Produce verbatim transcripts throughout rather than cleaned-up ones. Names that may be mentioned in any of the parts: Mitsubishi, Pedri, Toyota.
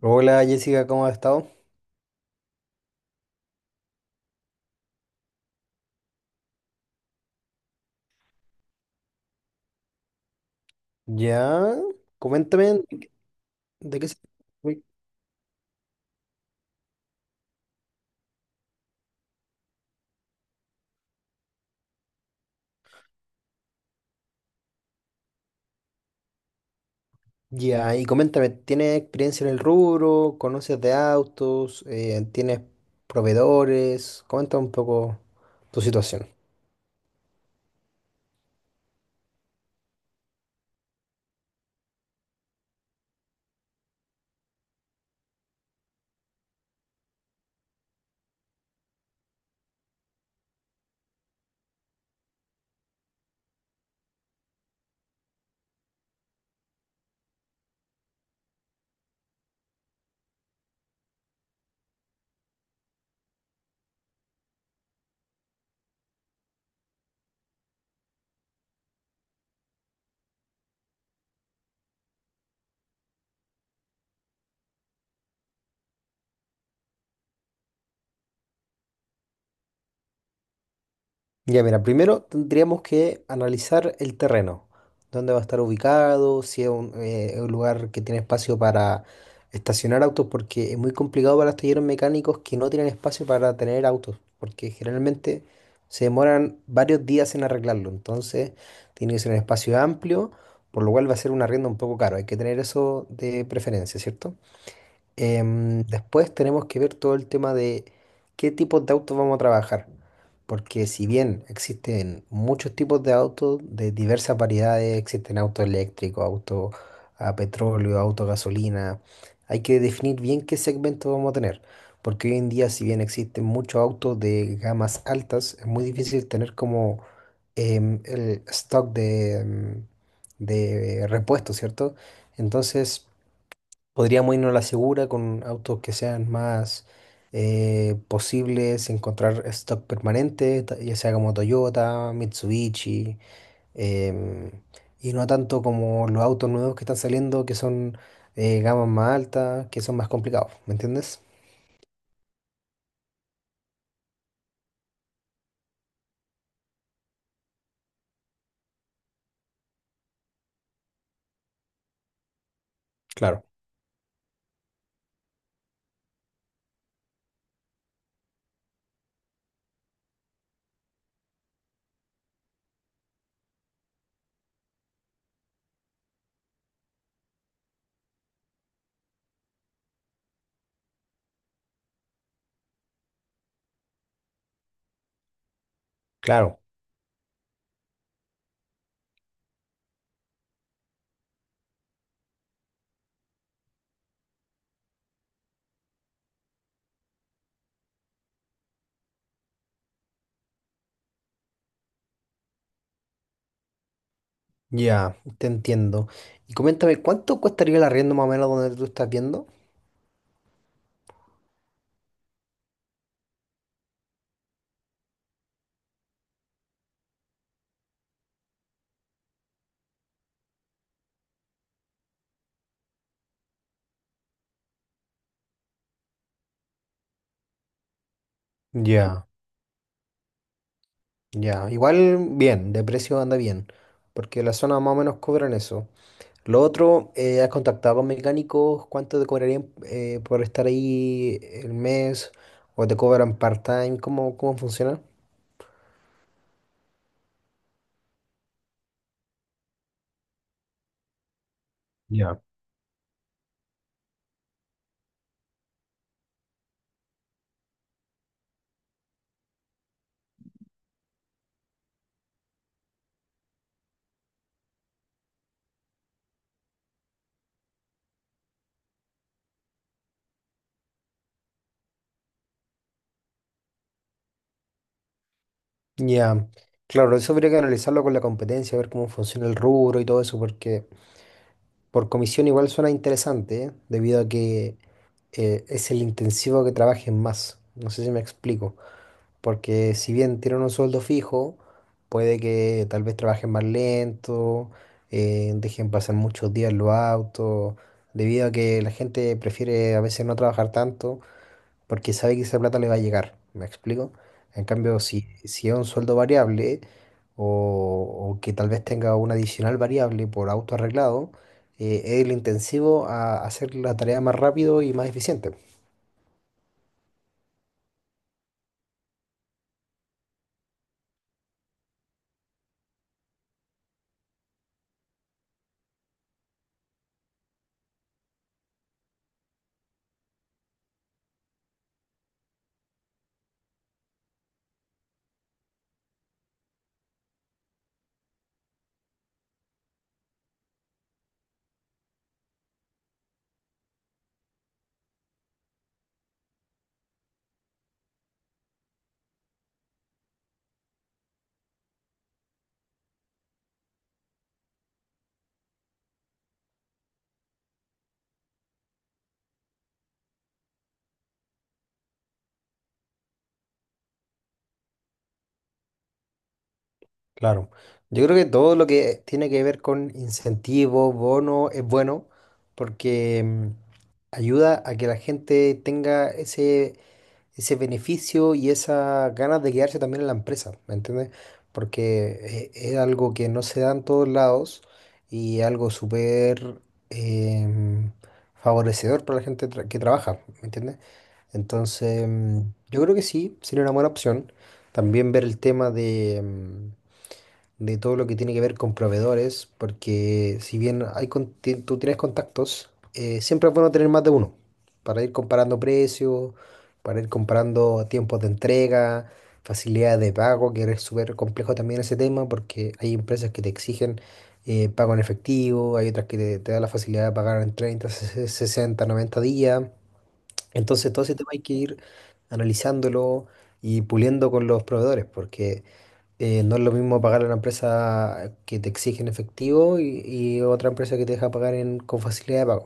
Hola Jessica, ¿cómo has estado? Ya, coméntame de qué de qué se... uy, Ya, y coméntame, ¿tienes experiencia en el rubro? ¿Conoces de autos? Eh, ¿tienes proveedores? Comenta un poco tu situación. Ya, mira, primero tendríamos que analizar el terreno, dónde va a estar ubicado, si es un, eh, un lugar que tiene espacio para estacionar autos, porque es muy complicado para los talleres mecánicos que no tienen espacio para tener autos, porque generalmente se demoran varios días en arreglarlo, entonces tiene que ser un espacio amplio, por lo cual va a ser un arriendo un poco caro, hay que tener eso de preferencia, ¿cierto? Em, después tenemos que ver todo el tema de qué tipos de autos vamos a trabajar, porque si bien existen muchos tipos de autos de diversas variedades, existen autos eléctricos, autos a petróleo, autos a gasolina, hay que definir bien qué segmento vamos a tener, porque hoy en día si bien existen muchos autos de gamas altas, es muy difícil tener como em, el stock de, em, de repuestos, ¿cierto? Entonces... podríamos irnos a la segura con autos que sean más eh, posibles, encontrar stock permanente, ta- ya sea como Toyota, Mitsubishi, em, y no tanto como los autos nuevos que están saliendo, que son eh, gamas más altas, que son más complicados, ¿me entiendes? Claro, claro, ya, te entiendo. Y coméntame, ¿cuánto costaría el arriendo más o menos donde tú estás viendo? Ya, ya, igual bien, de precio anda bien, porque la zona más o menos cobran eso. Lo otro, eh, ¿has contactado con mecánicos? ¿Cuánto te cobrarían eh, por estar ahí el mes? ¿O te cobran part-time? ¿Cómo, cómo funciona? Ya. Ya, Claro, eso habría que analizarlo con la competencia, ver cómo funciona el rubro y todo eso, porque por comisión igual suena interesante, ¿eh? Debido a que eh, es el intensivo que trabajen más. No sé si me explico. Porque si bien tienen un sueldo fijo, puede que tal vez trabajen más lento, eh, dejen pasar muchos días en los autos, debido a que la gente prefiere a veces no trabajar tanto porque sabe que esa plata le va a llegar, ¿me explico? En cambio, si, si es un sueldo variable o, o que tal vez tenga una adicional variable por auto arreglado, eh, es el intensivo a hacer la tarea más rápido y más eficiente. Claro. Yo creo que todo lo que tiene que ver con incentivos, bono, es bueno porque mm, ayuda a que la gente tenga ese, ese beneficio y esas ganas de quedarse también en la empresa, ¿me entiendes? Porque eh, es algo que no se da en todos lados y algo súper em, favorecedor para la gente tra- que trabaja, ¿me entiendes? Entonces, mm, yo creo que sí, sería una buena opción. También ver el tema de, mm, de todo lo que tiene que ver con proveedores, porque si bien hay, con- ti- tú tienes contactos, eh, siempre es bueno tener más de uno para ir comparando precios, para ir comparando tiempos de entrega, facilidades de pago, que es súper complejo también ese tema, porque hay empresas que te exigen eh, pago en efectivo, hay otras que te, te dan la facilidad de pagar en treinta, sesenta noventa días. Entonces todo ese tema hay que ir analizándolo y puliendo con los proveedores, porque eh, no es lo mismo pagar a una empresa que te exige en efectivo y, y otra empresa que te deja pagar en, con facilidad de pago.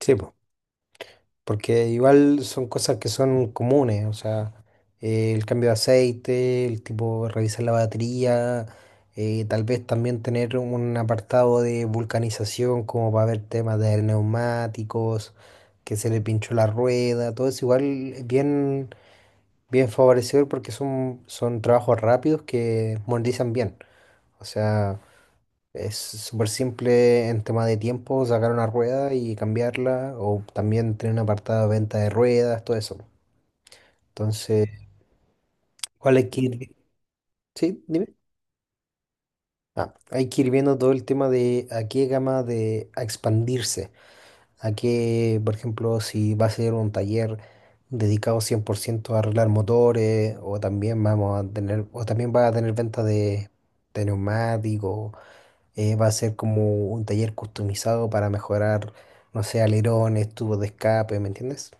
Sí, po, porque igual son cosas que son comunes, o sea, eh, el cambio de aceite, el tipo revisar la batería, eh, tal vez también tener un apartado de vulcanización como para ver temas de neumáticos, que se le pinchó la rueda, todo eso igual es bien, bien favorecedor porque son, son trabajos rápidos que monetizan bien. O sea, es súper simple en tema de tiempo sacar una rueda y cambiarla, o también tener un apartado de venta de ruedas, todo eso. Entonces, ¿cuál hay que ir? vi- Sí, dime. Ah, hay que ir viendo todo el tema de a qué gama de a expandirse, a qué, por ejemplo, si va a ser un taller dedicado cien por ciento a arreglar motores, o también vamos a tener, o también va a tener venta de, de neumáticos. Eh, va a ser como un taller customizado para mejorar, no sé, alerones, tubos de escape, ¿me entiendes?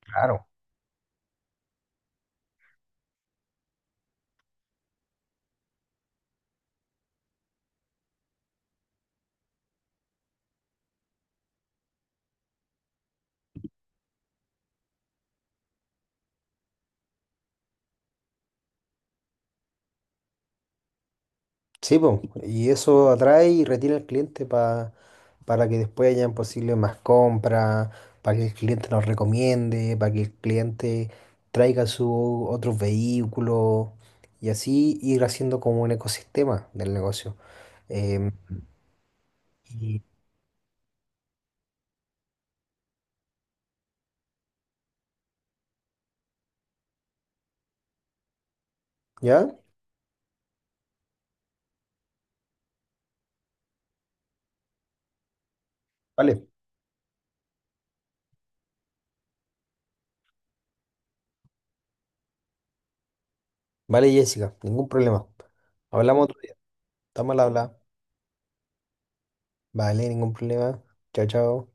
Claro. Sí, po, y eso atrae y retiene al cliente pa- para que después hayan posible más compras, para que el cliente nos recomiende, para que el cliente traiga su otros vehículos y así ir haciendo como un ecosistema del negocio. Em, y- ¿Ya? Vale, vale, Jessica, ningún problema. Hablamos otro día. Estamos al habla. Vale, ningún problema. Chao, chao.